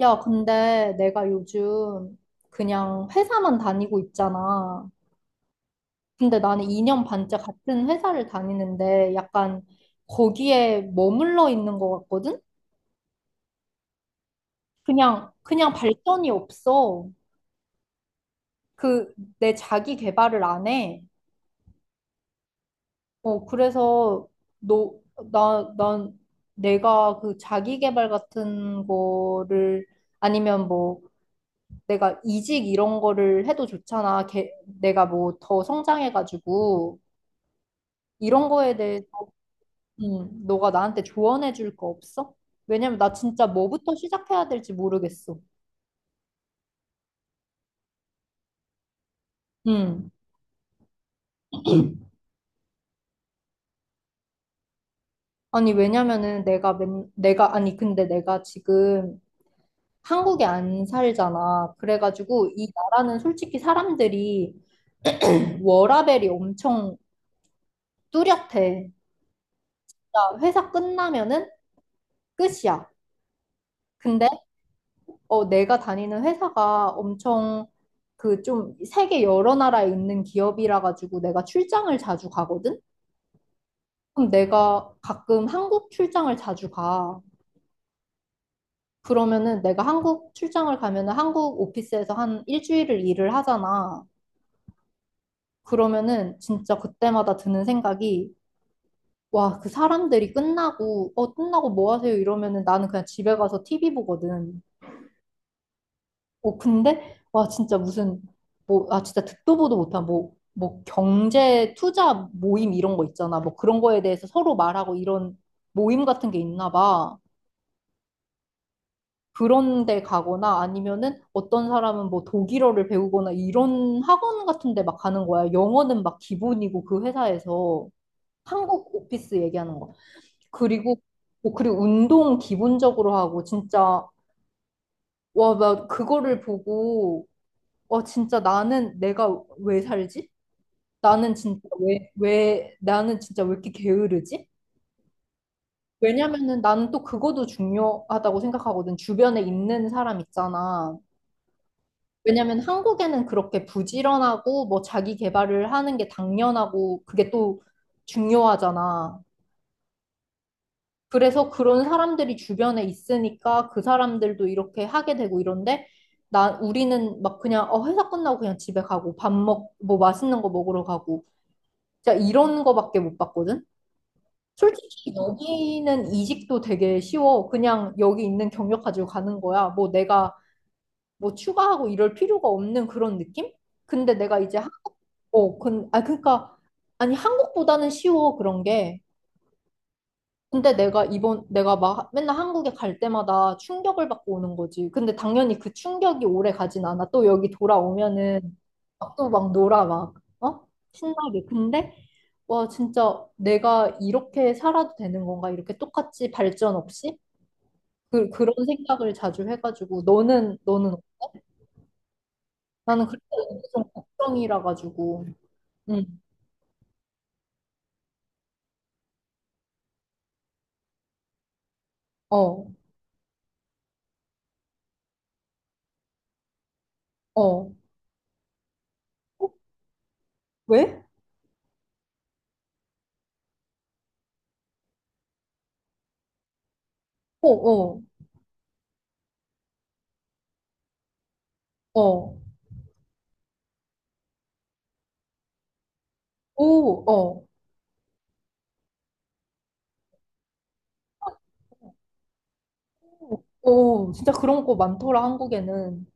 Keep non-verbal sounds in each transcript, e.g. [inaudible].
야, 근데 내가 요즘 그냥 회사만 다니고 있잖아. 근데 나는 2년 반째 같은 회사를 다니는데 약간 거기에 머물러 있는 것 같거든? 그냥 발전이 없어. 그, 내 자기 개발을 안 해. 어, 그래서 너, 나, 난 내가 그 자기 개발 같은 거를 아니면 뭐 내가 이직 이런 거를 해도 좋잖아. 개, 내가 뭐 더 성장해가지고. 이런 거에 대해서 너가 나한테 조언해 줄 거 없어? 왜냐면 나 진짜 뭐부터 시작해야 될지 모르겠어. 음. 아니, 왜냐면은 내가 맨, 내가, 아니, 근데 내가 지금 한국에 안 살잖아. 그래가지고 이 나라는 솔직히 사람들이 워라밸이 엄청 뚜렷해. 진짜 회사 끝나면은 끝이야. 근데 어, 내가 다니는 회사가 엄청 그 좀 세계 여러 나라에 있는 기업이라 가지고 내가 출장을 자주 가거든? 그럼 내가 가끔 한국 출장을 자주 가. 그러면은 내가 한국 출장을 가면은 한국 오피스에서 한 일주일을 일을 하잖아. 그러면은 진짜 그때마다 드는 생각이 와, 그 사람들이 끝나고 어 끝나고 뭐 하세요? 이러면은 나는 그냥 집에 가서 TV 보거든. 어 근데 와 진짜 무슨 뭐 진짜 듣도 보도 못한 뭐 경제 투자 모임 이런 거 있잖아. 뭐 그런 거에 대해서 서로 말하고 이런 모임 같은 게 있나 봐. 그런 데 가거나 아니면은 어떤 사람은 뭐 독일어를 배우거나 이런 학원 같은 데 막 가는 거야. 영어는 막 기본이고 그 회사에서 한국 오피스 얘기하는 거. 그리고 뭐 그리고 운동 기본적으로 하고 진짜 와, 나 그거를 보고 와 진짜 나는 내가 왜 살지? 나는 진짜 왜 나는 진짜 왜 이렇게 게으르지? 왜냐면은 나는 또 그것도 중요하다고 생각하거든. 주변에 있는 사람 있잖아. 왜냐면 한국에는 그렇게 부지런하고 뭐 자기 개발을 하는 게 당연하고 그게 또 중요하잖아. 그래서 그런 사람들이 주변에 있으니까 그 사람들도 이렇게 하게 되고 이런데 나 우리는 막 그냥 어 회사 끝나고 그냥 집에 가고 밥 먹 뭐 맛있는 거 먹으러 가고 진짜 이런 거밖에 못 봤거든. 솔직히 여기는 이직도 되게 쉬워. 그냥 여기 있는 경력 가지고 가는 거야. 뭐 내가 뭐 추가하고 이럴 필요가 없는 그런 느낌? 근데 내가 이제 어, 근, 아, 그니까, 아니, 한국보다는 쉬워, 그런 게. 근데 내가 이번, 내가 막 맨날 한국에 갈 때마다 충격을 받고 오는 거지. 근데 당연히 그 충격이 오래 가진 않아. 또 여기 돌아오면은 또 막 놀아, 막, 어? 신나게. 근데, 와, 진짜 내가 이렇게 살아도 되는 건가? 이렇게 똑같이 발전 없이? 그, 그런 생각을 자주 해가지고, 너는, 나는 그때 좀 걱정이라 가지고, 응, 어, 어. 어? 왜? 어, 어. 어, 오, 어, 오, 진짜 그런 거 많더라, 한국에는.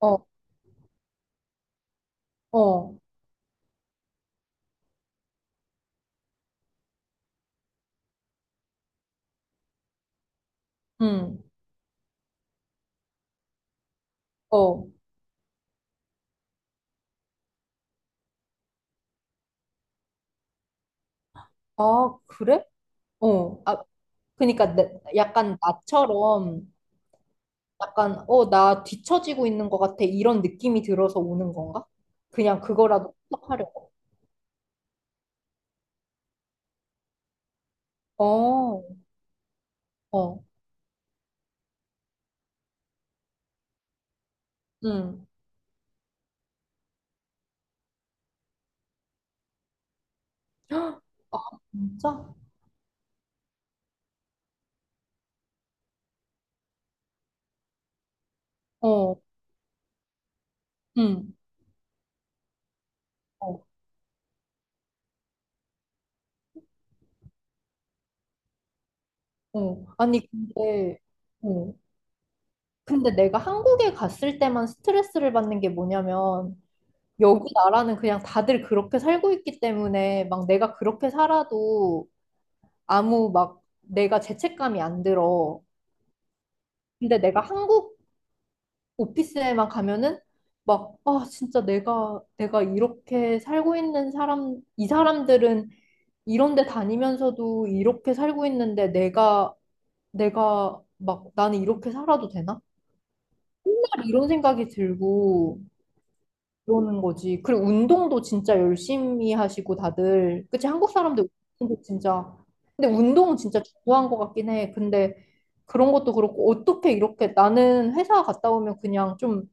어, 어, 음, 어. 아, 그래? 어. 아, 그러니까 내- 약간 나처럼 약간 어, 나 뒤처지고 있는 것 같아. 이런 느낌이 들어서 오는 건가? 그냥 그거라도 해석하려고. 어, 어, 음. 헉, 아, 진짜? 어, 음, 어, 어. 아니, 근데, 어, 근데 내가 한국에 갔을 때만 스트레스를 받는 게 뭐냐면 여기 나라는 그냥 다들 그렇게 살고 있기 때문에 막 내가 그렇게 살아도 아무 막 내가 죄책감이 안 들어. 근데 내가 한국 오피스에만 가면은 막 아 진짜 내가 이렇게 살고 있는 사람 이 사람들은 이런 데 다니면서도 이렇게 살고 있는데 내가 내가 막 나는 이렇게 살아도 되나? 이런 생각이 들고 그러는 거지. 그리고 운동도 진짜 열심히 하시고 다들. 그치? 한국 사람들 운동도 진짜. 근데 운동은 진짜 좋아한 것 같긴 해. 근데 그런 것도 그렇고 어떻게 이렇게 나는 회사 갔다 오면 그냥 좀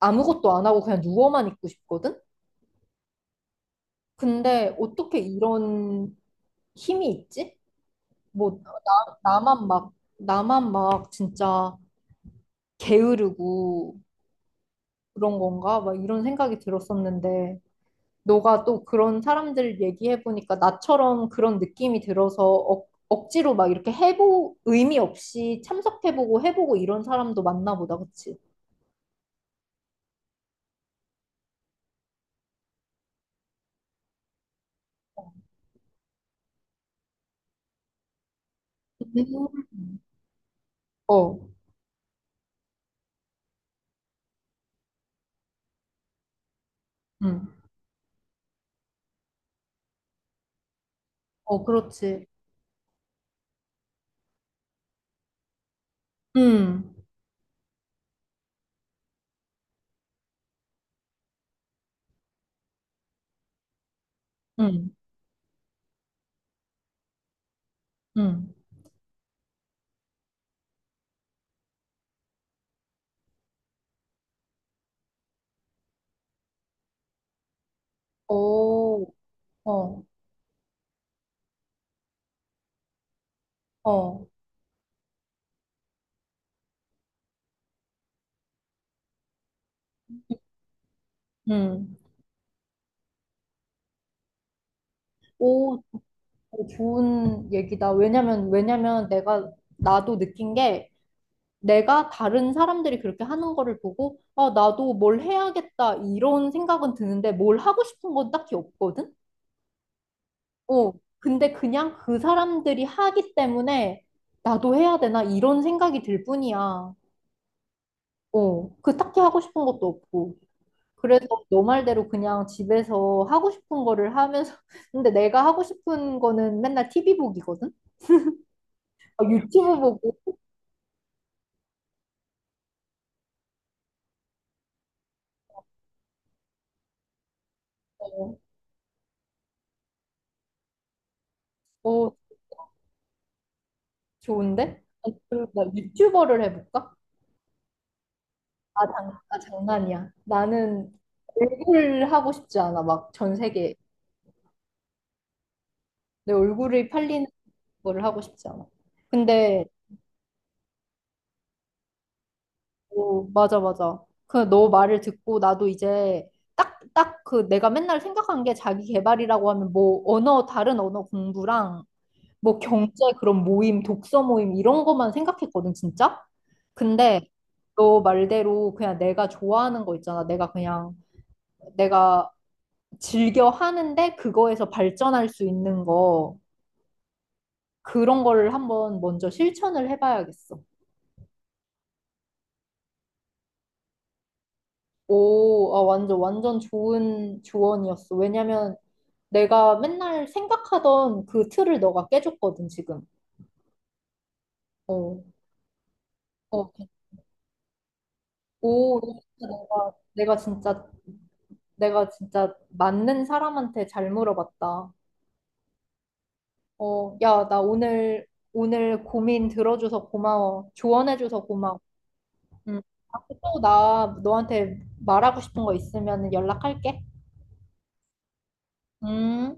아무것도 안 하고 그냥 누워만 있고 싶거든? 근데 어떻게 이런 힘이 있지? 뭐 나, 나만 막 나만 막 진짜 게으르고 그런 건가? 막 이런 생각이 들었었는데 너가 또 그런 사람들 얘기해보니까 나처럼 그런 느낌이 들어서 억, 억지로 막 이렇게 해보, 의미 없이 참석해보고 해보고 이런 사람도 맞나 보다, 그치? 음. 어, 음, 어, 그렇지. 음, 음, 음. 오, 어, 어, 음. 오, 오, 좋은 얘기다. 왜냐면 내가, 나도 느낀 게, 내가 다른 사람들이 그렇게 하는 거를 보고, 아, 나도 뭘 해야겠다, 이런 생각은 드는데, 뭘 하고 싶은 건 딱히 없거든? 어, 근데 그냥 그 사람들이 하기 때문에, 나도 해야 되나, 이런 생각이 들 뿐이야. 어, 그 딱히 하고 싶은 것도 없고. 그래서 너 말대로 그냥 집에서 하고 싶은 거를 하면서, [laughs] 근데 내가 하고 싶은 거는 맨날 TV 보기거든? 아, 유튜브 보고, 어, 어, 좋은데? 아, 그럼 나 유튜버를 해볼까? 아, 장, 아, 장난이야. 나는 얼굴 하고 싶지 않아. 막 전 세계 내 얼굴이 팔리는 거를 하고 싶지 않아. 근데 오, 맞아 맞아. 그 너 말을 듣고 나도 이제 딱 딱 그 내가 맨날 생각한 게 자기 개발이라고 하면 뭐 언어 다른 언어 공부랑 뭐 경제 그런 모임, 독서 모임 이런 것만 생각했거든, 진짜. 근데 너 말대로 그냥 내가 좋아하는 거 있잖아. 내가 그냥 내가 즐겨 하는데 그거에서 발전할 수 있는 거 그런 거를 한번 먼저 실천을 해봐야겠어. 오, 아, 완전 완전 좋은 조언이었어. 왜냐면 내가 맨날 생각하던 그 틀을 너가 깨줬거든 지금. 어, 어, 오, 진짜 내가 진짜 내가 진짜 맞는 사람한테 잘 물어봤다. 어, 야, 나 오늘 고민 들어줘서 고마워. 조언해줘서 고마워. 음. 또 나 너한테 말하고 싶은 거 있으면 연락할게. 음.